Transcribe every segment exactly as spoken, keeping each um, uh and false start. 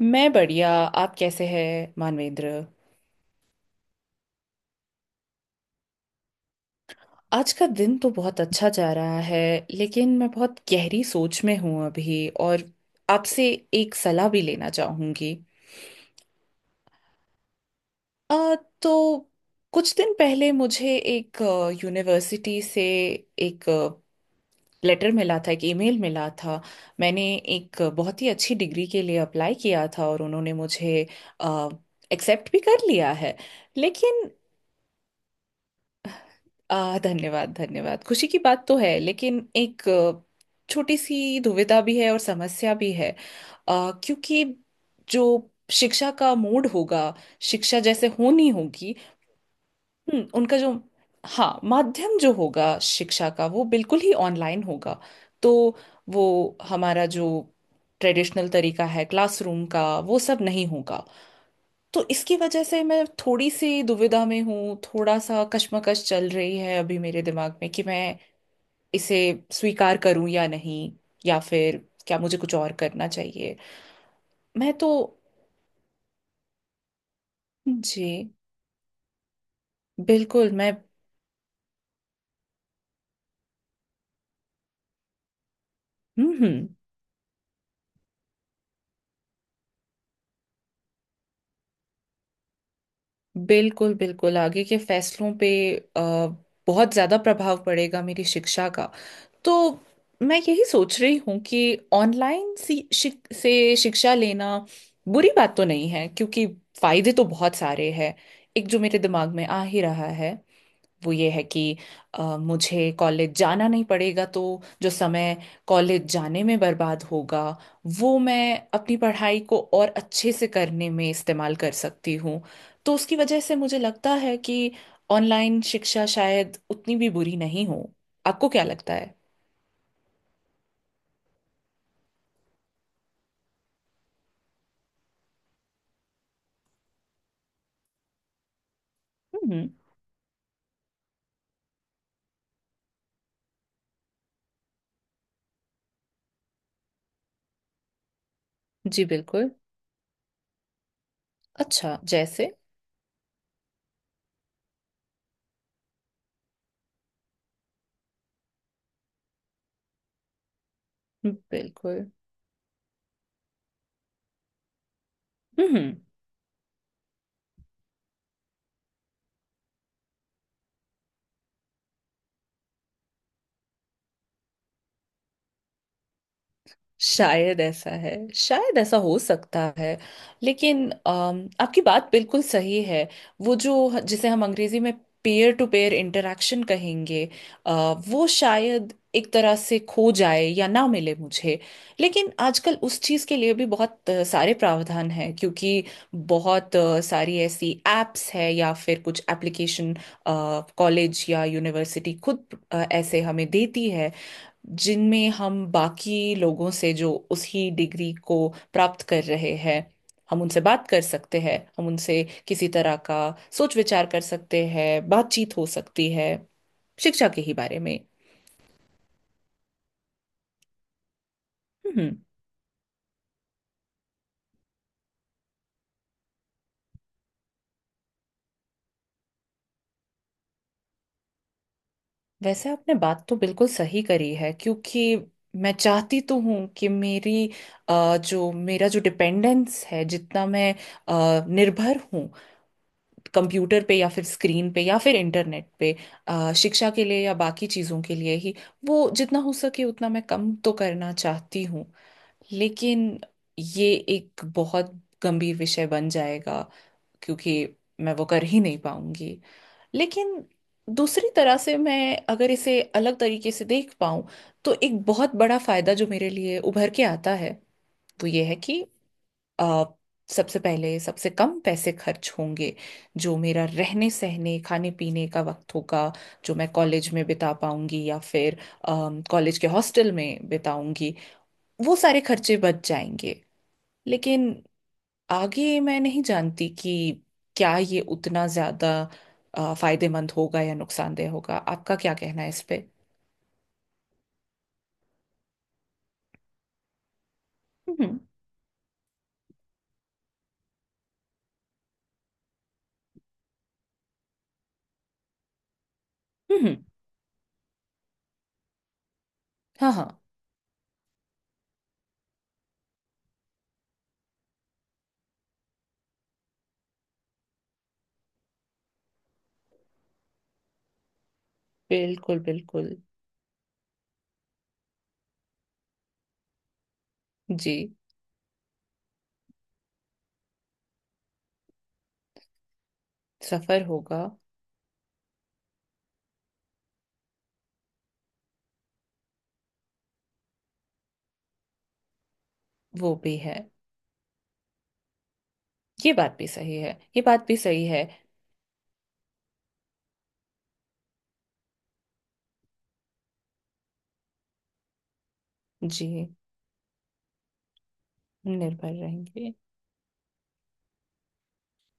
मैं बढ़िया। आप कैसे हैं मानवेंद्र? आज का दिन तो बहुत अच्छा जा रहा है, लेकिन मैं बहुत गहरी सोच में हूँ अभी, और आपसे एक सलाह भी लेना चाहूँगी। आ, तो कुछ दिन पहले मुझे एक यूनिवर्सिटी से एक लेटर मिला था, एक ईमेल मिला था। मैंने एक बहुत ही अच्छी डिग्री के लिए अप्लाई किया था, और उन्होंने मुझे एक्सेप्ट भी कर लिया है। लेकिन आ, धन्यवाद, धन्यवाद। खुशी की बात तो है, लेकिन एक अ, छोटी सी दुविधा भी है और समस्या भी है। आ, क्योंकि जो शिक्षा का मूड होगा, शिक्षा जैसे होनी होगी। हम्म, उनका जो हाँ, माध्यम जो होगा शिक्षा का वो बिल्कुल ही ऑनलाइन होगा। तो वो हमारा जो ट्रेडिशनल तरीका है क्लासरूम का, वो सब नहीं होगा। तो इसकी वजह से मैं थोड़ी सी दुविधा में हूँ, थोड़ा सा कश्मकश चल रही है अभी मेरे दिमाग में, कि मैं इसे स्वीकार करूँ या नहीं, या फिर क्या मुझे कुछ और करना चाहिए। मैं तो। जी। बिल्कुल। मैं। हम्म। हम्म। बिल्कुल बिल्कुल, आगे के फैसलों पे अ, बहुत ज़्यादा प्रभाव पड़ेगा मेरी शिक्षा का। तो मैं यही सोच रही हूँ कि ऑनलाइन सी, शिक, से शिक्षा लेना बुरी बात तो नहीं है, क्योंकि फायदे तो बहुत सारे हैं। एक जो मेरे दिमाग में आ ही रहा है, वो ये है कि अ, मुझे कॉलेज जाना नहीं पड़ेगा, तो जो समय कॉलेज जाने में बर्बाद होगा वो मैं अपनी पढ़ाई को और अच्छे से करने में इस्तेमाल कर सकती हूँ। तो उसकी वजह से मुझे लगता है कि ऑनलाइन शिक्षा शायद उतनी भी बुरी नहीं हो। आपको क्या लगता है? हम्म। जी। बिल्कुल। अच्छा जैसे बिल्कुल। हम्म। शायद ऐसा है, शायद ऐसा हो सकता है। लेकिन अम, आपकी बात बिल्कुल सही है। वो जो, जिसे हम अंग्रेजी में पेयर टू पेयर इंटरेक्शन कहेंगे, अ, वो शायद एक तरह से खो जाए या ना मिले मुझे। लेकिन आजकल उस चीज़ के लिए भी बहुत अ, सारे प्रावधान हैं, क्योंकि बहुत अ, सारी ऐसी एप्स है या फिर कुछ एप्लीकेशन कॉलेज या यूनिवर्सिटी खुद अ, ऐसे हमें देती है, जिनमें हम बाकी लोगों से जो उसी डिग्री को प्राप्त कर रहे हैं हम उनसे बात कर सकते हैं, हम उनसे किसी तरह का सोच विचार कर सकते हैं, बातचीत हो सकती है शिक्षा के ही बारे में। हम्म। वैसे आपने बात तो बिल्कुल सही करी है, क्योंकि मैं चाहती तो हूँ कि मेरी अ, जो मेरा जो डिपेंडेंस है, जितना मैं अ, निर्भर हूँ कंप्यूटर पे या फिर स्क्रीन पे या फिर इंटरनेट पे, अ, शिक्षा के लिए या बाकी चीज़ों के लिए ही, वो जितना हो सके उतना मैं कम तो करना चाहती हूँ। लेकिन ये एक बहुत गंभीर विषय बन जाएगा, क्योंकि मैं वो कर ही नहीं पाऊंगी। लेकिन दूसरी तरह से मैं अगर इसे अलग तरीके से देख पाऊं, तो एक बहुत बड़ा फायदा जो मेरे लिए उभर के आता है वो ये है कि अ, सबसे पहले सबसे कम पैसे खर्च होंगे। जो मेरा रहने सहने खाने पीने का वक्त होगा जो मैं कॉलेज में बिता पाऊंगी या फिर कॉलेज के हॉस्टल में बिताऊंगी, वो सारे खर्चे बच जाएंगे। लेकिन आगे मैं नहीं जानती कि क्या ये उतना ज्यादा अ, फायदेमंद होगा या नुकसानदेह होगा। आपका क्या कहना है इस पे? हम्म। हम्म। हाँ, हाँ। बिल्कुल बिल्कुल। जी। सफर होगा। वो भी है, ये बात भी सही है, ये बात भी सही है। जी। निर्भर रहेंगे।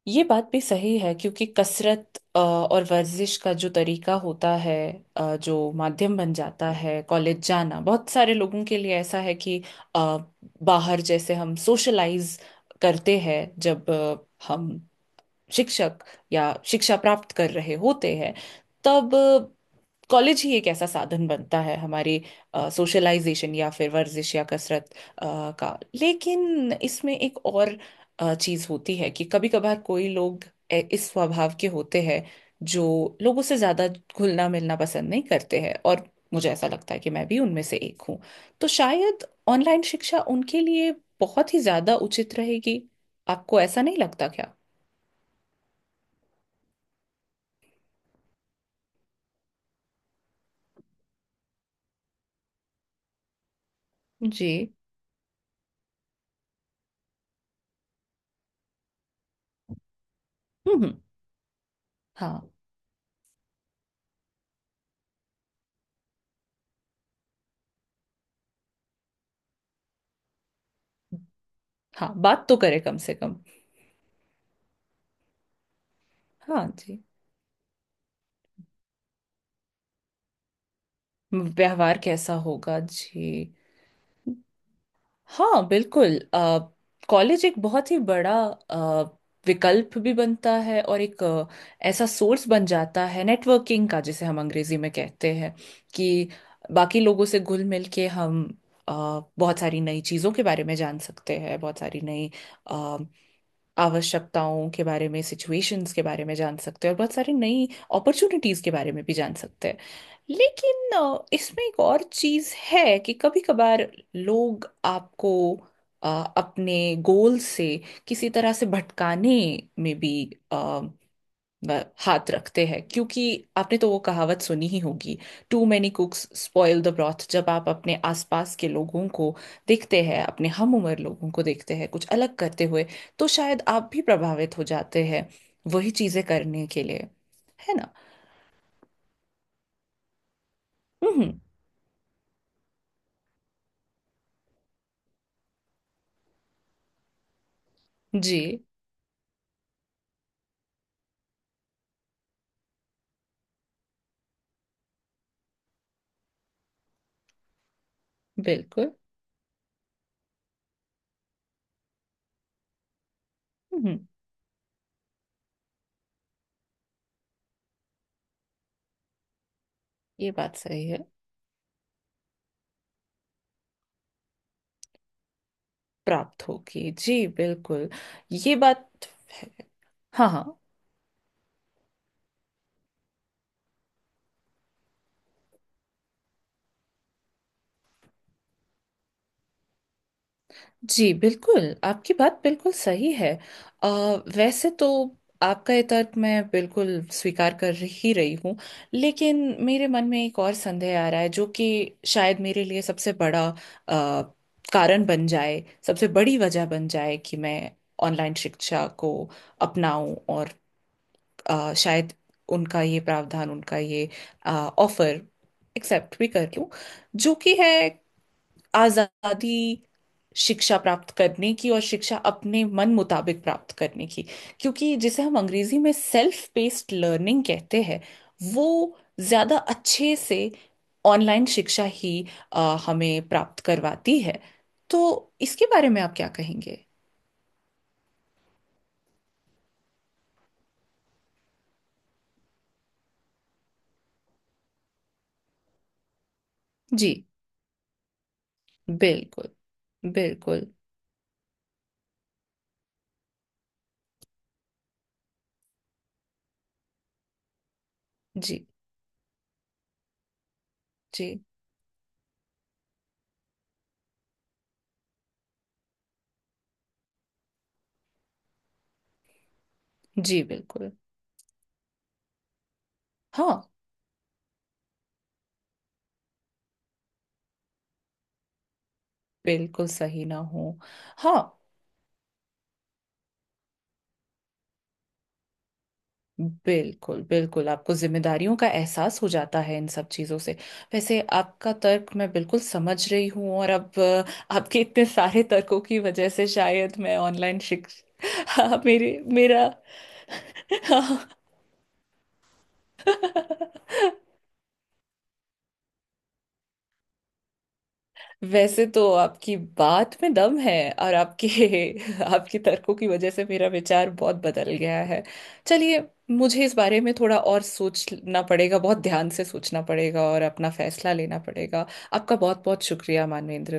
ये बात भी सही है, क्योंकि कसरत अ, और वर्जिश का जो तरीका होता है, अ, जो माध्यम बन जाता है कॉलेज जाना बहुत सारे लोगों के लिए, ऐसा है कि अ, बाहर जैसे हम सोशलाइज करते हैं, जब अ, हम शिक्षक या शिक्षा प्राप्त कर रहे होते हैं, तब कॉलेज ही एक ऐसा साधन बनता है हमारी सोशलाइजेशन या फिर वर्जिश या कसरत अ, का। लेकिन इसमें एक और चीज होती है कि कभी कभार कोई लोग ए- इस स्वभाव के होते हैं जो लोगों से ज्यादा घुलना मिलना पसंद नहीं करते हैं, और मुझे ऐसा लगता है कि मैं भी उनमें से एक हूँ। तो शायद ऑनलाइन शिक्षा उनके लिए बहुत ही ज्यादा उचित रहेगी। आपको ऐसा नहीं लगता क्या? जी। हम्म। हाँ, हाँ, बात तो करे कम से कम। हाँ, जी। व्यवहार कैसा होगा जी? हाँ बिल्कुल, आ, कॉलेज एक बहुत ही बड़ा आ, विकल्प भी बनता है, और एक अ, ऐसा सोर्स बन जाता है नेटवर्किंग का, जिसे हम अंग्रेजी में कहते हैं, कि बाकी लोगों से घुल मिल के हम अ, बहुत सारी नई चीज़ों के बारे में जान सकते हैं, बहुत सारी नई आवश्यकताओं के बारे में, सिचुएशंस के बारे में जान सकते हैं, और बहुत सारी नई अपॉर्चुनिटीज के बारे में भी जान सकते हैं। लेकिन अ, इसमें एक और चीज है कि कभी कभार लोग आपको अ, अपने गोल से किसी तरह से भटकाने में भी वह हाथ रखते हैं, क्योंकि आपने तो वो कहावत सुनी ही होगी, too many cooks spoil the broth. जब आप अपने आसपास के लोगों को देखते हैं, अपने हम उम्र लोगों को देखते हैं कुछ अलग करते हुए, तो शायद आप भी प्रभावित हो जाते हैं वही चीजें करने के लिए। है ना? हम्म। जी बिल्कुल। हम्म। ये बात सही है। प्राप्त होगी, जी बिल्कुल। ये बात है। हाँ, हाँ। जी बिल्कुल, आपकी बात बिल्कुल सही है। अ, वैसे तो आपका ये तर्क मैं बिल्कुल स्वीकार कर ही रही हूँ, लेकिन मेरे मन में एक और संदेह आ रहा है, जो कि शायद मेरे लिए सबसे बड़ा अ, कारण बन जाए, सबसे बड़ी वजह बन जाए कि मैं ऑनलाइन शिक्षा को अपनाऊं, और अ, शायद उनका ये प्रावधान, उनका ये ऑफर एक्सेप्ट भी कर लूं, जो कि है आजादी, शिक्षा प्राप्त करने की और शिक्षा अपने मन मुताबिक प्राप्त करने की, क्योंकि जिसे हम अंग्रेजी में सेल्फ पेस्ड लर्निंग कहते हैं, वो ज्यादा अच्छे से ऑनलाइन शिक्षा ही अ, हमें प्राप्त करवाती है। तो इसके बारे में आप क्या कहेंगे? जी बिल्कुल, बिल्कुल। जी। जी। जी बिल्कुल। हाँ। बिल्कुल सही ना हो। हाँ। बिल्कुल बिल्कुल, आपको जिम्मेदारियों का एहसास हो जाता है इन सब चीजों से। वैसे आपका तर्क मैं बिल्कुल समझ रही हूँ, और अब अ, आपके इतने सारे तर्कों की वजह से शायद मैं ऑनलाइन शिक्षा हाँ मेरे मेरा। वैसे तो आपकी बात में दम है, और आपके आपके तर्कों की वजह से मेरा विचार बहुत बदल गया है। चलिए, मुझे इस बारे में थोड़ा और सोचना पड़ेगा, बहुत ध्यान से सोचना पड़ेगा और अपना फैसला लेना पड़ेगा। आपका बहुत बहुत शुक्रिया मानवेंद्र।